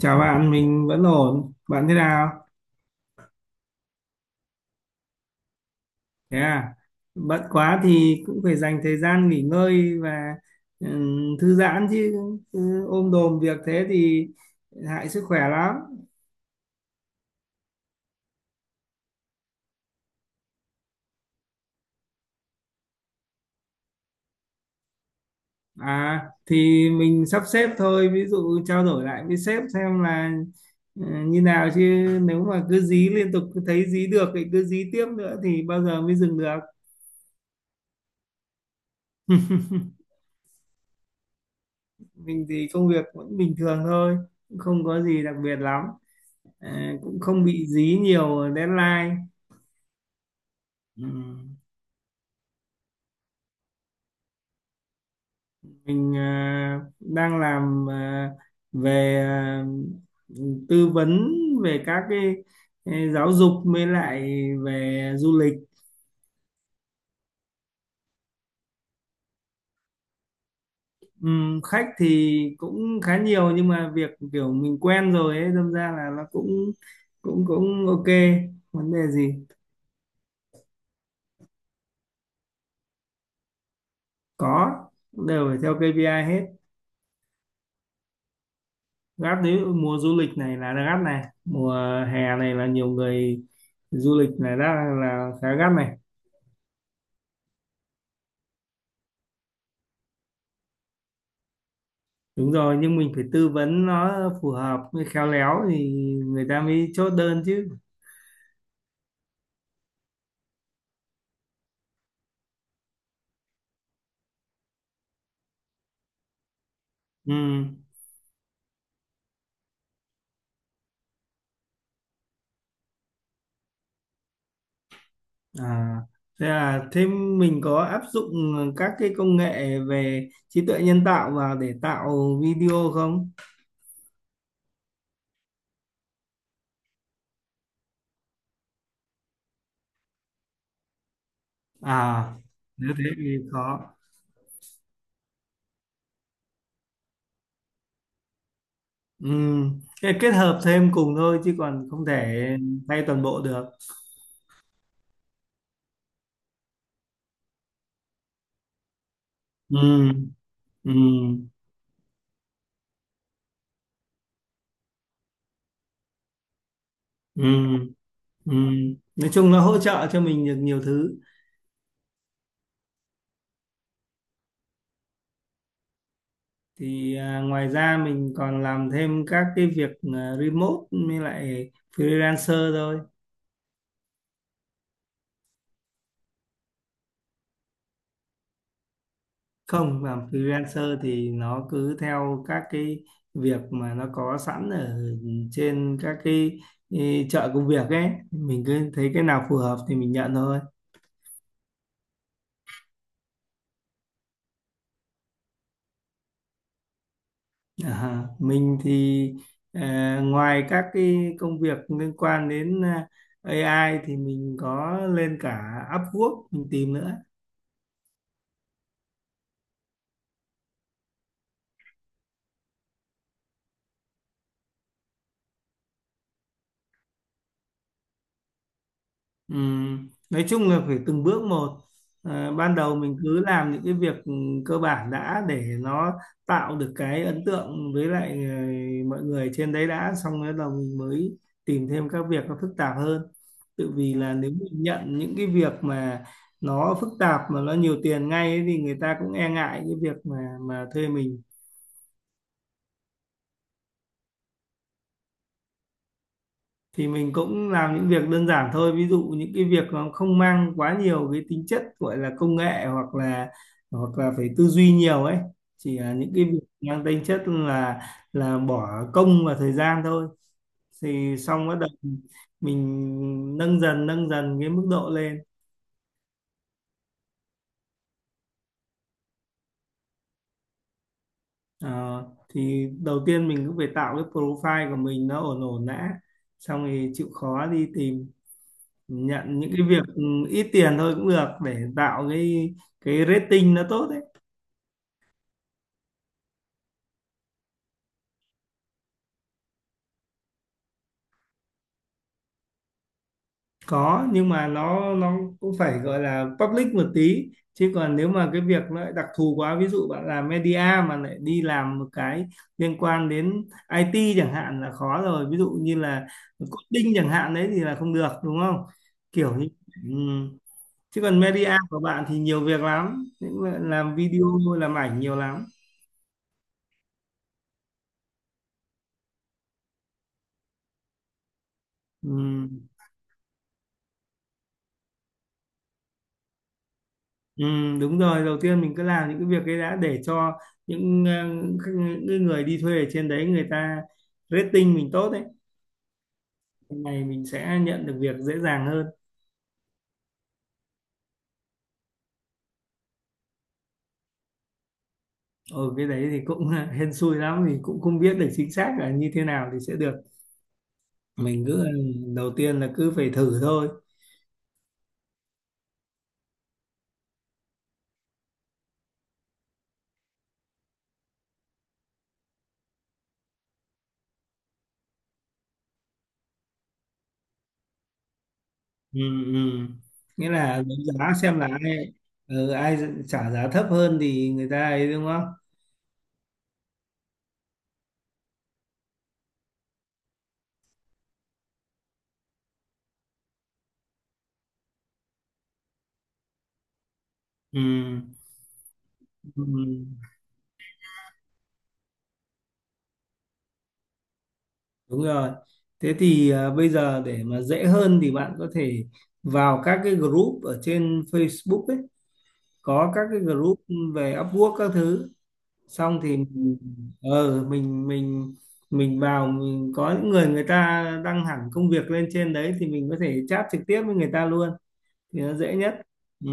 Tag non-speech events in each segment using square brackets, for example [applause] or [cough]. Chào bạn, mình vẫn ổn. Bạn thế nào? Thế à? Bận quá thì cũng phải dành thời gian nghỉ ngơi và thư giãn chứ cứ ôm đồm việc thế thì hại sức khỏe lắm. À, thì mình sắp xếp thôi, ví dụ trao đổi lại với sếp xem là như nào chứ, nếu mà cứ dí liên tục cứ thấy dí được thì cứ dí tiếp nữa thì bao giờ mới dừng được. [laughs] Mình thì công việc vẫn bình thường thôi, không có gì đặc biệt lắm. À, cũng không bị dí nhiều deadline. Ừ. Mình à, đang làm à, về à, tư vấn về các cái giáo dục mới lại về du lịch. Ừ, khách thì cũng khá nhiều nhưng mà việc kiểu mình quen rồi ấy đâm ra là nó cũng cũng cũng ok, vấn đề gì. Có, đều phải theo KPI hết. Gác đấy mùa du lịch này là gắt này, mùa hè này là nhiều người du lịch là đã là khá gắt này. Đúng rồi, nhưng mình phải tư vấn nó phù hợp với khéo léo thì người ta mới chốt đơn chứ. Ừ. À, thế là thêm mình có áp dụng các cái công nghệ về trí tuệ nhân tạo vào để tạo video không? À, nếu thế thì khó. Ừ. Thế kết hợp thêm cùng thôi chứ còn không thể thay toàn bộ được. Ừ. Ừ, ừ, ừ. Nói chung nó hỗ trợ cho mình được nhiều thứ, thì à, ngoài ra mình còn làm thêm các cái việc à, remote với lại freelancer thôi. Không, làm freelancer thì nó cứ theo các cái việc mà nó có sẵn ở trên cái chợ công việc ấy, mình cứ thấy cái nào phù hợp thì mình nhận thôi. À, mình thì ờ, ngoài các cái công việc liên quan đến AI thì mình có lên cả Upwork mình tìm nữa. Ừ. Nói chung là phải từng bước một. À, ban đầu mình cứ làm những cái việc ừ, cơ bản đã để nó tạo được cái ấn tượng với lại ừ, mọi người trên đấy đã, xong rồi đầu mình mới tìm thêm các việc nó phức tạp hơn. Tự vì là nếu mình nhận những cái việc mà nó phức tạp mà nó nhiều tiền ngay ấy, thì người ta cũng e ngại cái việc mà thuê mình. Thì mình cũng làm những việc đơn giản thôi, ví dụ những cái việc nó không mang quá nhiều cái tính chất gọi là công nghệ, hoặc là phải tư duy nhiều ấy, chỉ là những cái việc mang tính chất là bỏ công và thời gian thôi. Thì xong bắt đầu mình nâng dần cái mức độ lên. Ờ, thì đầu tiên mình cũng phải tạo cái profile của mình nó ổn ổn đã, xong thì chịu khó đi tìm nhận những cái việc ừ, ít tiền thôi cũng được, để tạo cái rating nó tốt đấy. Có, nhưng mà nó cũng phải gọi là public một tí, chứ còn nếu mà cái việc nó lại đặc thù quá, ví dụ bạn làm media mà lại đi làm một cái liên quan đến IT chẳng hạn là khó rồi, ví dụ như là coding chẳng hạn đấy thì là không được, đúng không, kiểu như ừ. Chứ còn media của bạn thì nhiều việc lắm, những bạn làm video làm ảnh nhiều lắm. Ừ. Ừ, đúng rồi, đầu tiên mình cứ làm những cái việc ấy đã, để cho những các cái người đi thuê ở trên đấy người ta rating mình tốt đấy, này mình sẽ nhận được việc dễ dàng hơn. Ở cái đấy thì cũng [laughs] hên xui lắm, thì cũng không biết được chính xác là như thế nào thì sẽ được, mình cứ đầu tiên là cứ phải thử thôi. Ừ, ừ. Nghĩa là đấu giá xem là ai trả giá thấp hơn thì người ta ấy, đúng không. Ừ. Ừ. Đúng rồi. Thế thì à, bây giờ để mà dễ hơn thì bạn có thể vào các cái group ở trên Facebook ấy, có các cái group về Upwork các thứ. Xong thì ờ mình mình mình vào, mình có những người người ta đăng hẳn công việc lên trên đấy thì mình có thể chat trực tiếp với người ta luôn thì nó dễ nhất. Ừ,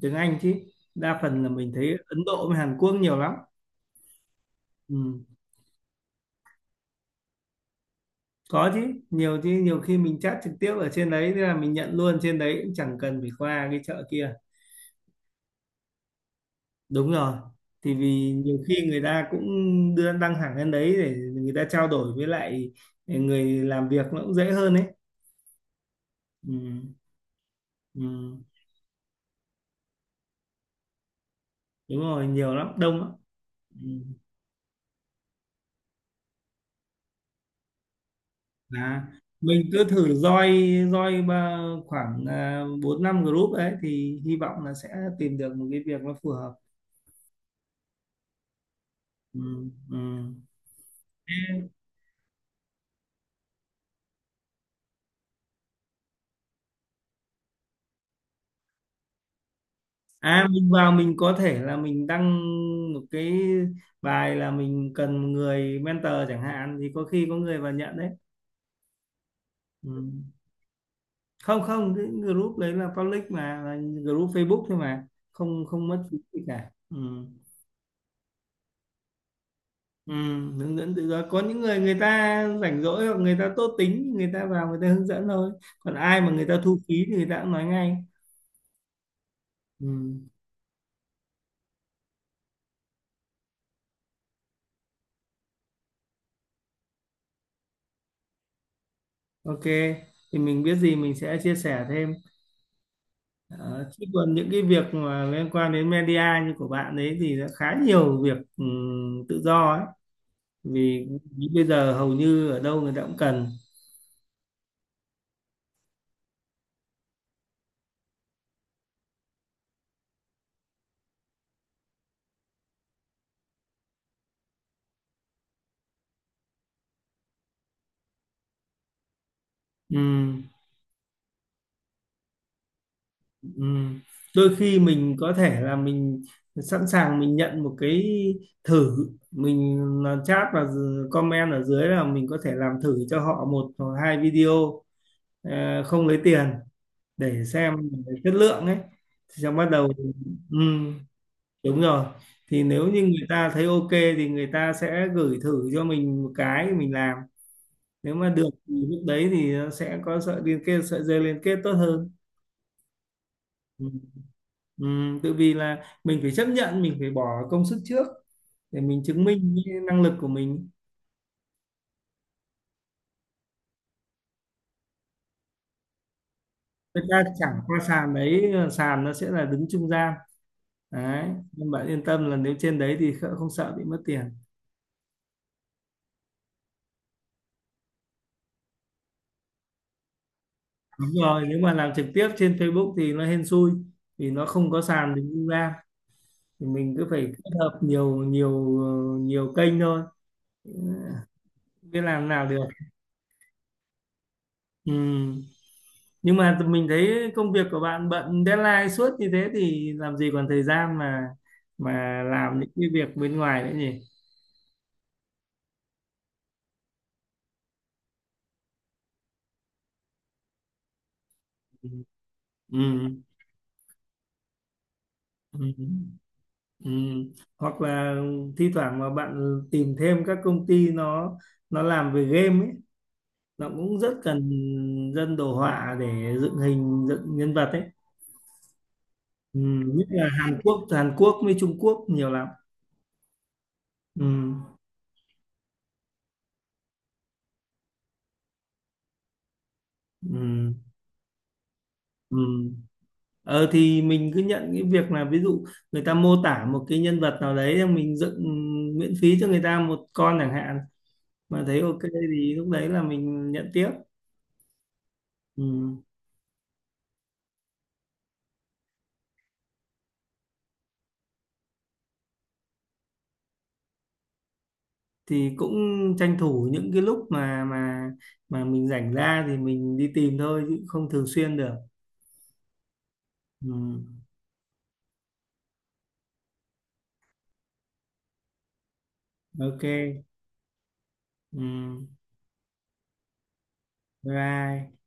tiếng Anh chứ. Đa phần là mình thấy Ấn Độ với Hàn Quốc nhiều lắm. Ừ. Có chứ, nhiều chứ, nhiều khi mình chat trực tiếp ở trên đấy tức là mình nhận luôn trên đấy, cũng chẳng cần phải qua cái chợ kia. Đúng rồi, thì vì nhiều khi người ta cũng đưa đăng hàng lên đấy để người ta trao đổi với lại người làm việc nó cũng dễ hơn đấy. Ừ, ừ, đúng rồi, nhiều lắm, đông lắm. Ừ. À, mình cứ thử join join khoảng bốn năm group đấy thì hy vọng là sẽ tìm được một cái việc nó phù hợp. Ừ, ừ. À, mình vào mình có thể là mình đăng một cái bài là mình cần một người mentor chẳng hạn, thì có khi có người vào nhận đấy. Ừ. Không, không, cái group đấy là public mà, là group Facebook thôi mà, không, không mất phí gì cả. Ừ. Ừ, hướng dẫn tự do, có những người người ta rảnh rỗi hoặc người ta tốt tính người ta vào người ta hướng dẫn thôi, còn ai mà người ta thu phí thì người ta cũng nói ngay. Ừ. Ok, thì mình biết gì mình sẽ chia sẻ thêm. Đó, chứ còn những cái việc mà liên quan đến media như của bạn ấy thì đã khá nhiều việc tự do ấy, vì bây giờ hầu như ở đâu người ta cũng cần. Ừm, ừm. Đôi khi mình có thể là mình sẵn sàng mình nhận một cái thử, mình làm chat và comment ở dưới là mình có thể làm thử cho họ một hoặc hai video, không lấy tiền để xem chất lượng ấy, thì xong bắt đầu. Ừ. Đúng rồi. Thì nếu như người ta thấy ok thì người ta sẽ gửi thử cho mình một cái mình làm. Nếu mà được thì lúc đấy thì nó sẽ có sợi liên kết, sợi dây liên kết tốt hơn. Ừ. Ừ, tự vì là mình phải chấp nhận, mình phải bỏ công sức trước để mình chứng minh cái năng lực của mình. Người ta chẳng qua sàn đấy, sàn nó sẽ là đứng trung gian. Đấy. Nhưng bạn yên tâm là nếu trên đấy thì không sợ bị mất tiền. Đúng rồi, nếu mà làm trực tiếp trên Facebook thì nó hên xui, vì nó không có sàn đứng trung gian. Thì mình cứ phải kết hợp nhiều nhiều nhiều kênh thôi, biết làm nào được. Ừ. Nhưng mà tụi mình thấy công việc của bạn bận deadline suốt như thế thì làm gì còn thời gian mà làm những cái việc bên ngoài nữa nhỉ. Ừ. Ừ. Ừ. Ừ. Hoặc là thi thoảng mà bạn tìm thêm các công ty nó làm về game ấy, nó cũng rất cần dân đồ họa để dựng hình dựng nhân vật ấy. Ừ. Nhất là Hàn Quốc Hàn Quốc với Trung Quốc nhiều lắm. Ừ. Ừ. Ừ. Ờ, thì mình cứ nhận cái việc là ví dụ người ta mô tả một cái nhân vật nào đấy xong mình dựng ừ, miễn phí cho người ta một con chẳng hạn, mà thấy ok thì lúc đấy là mình nhận tiếp. Ừ. Thì cũng tranh thủ những cái lúc mà mình rảnh ra thì mình đi tìm thôi chứ không thường xuyên được. Ừ. Ok. Ừ. Bye bye.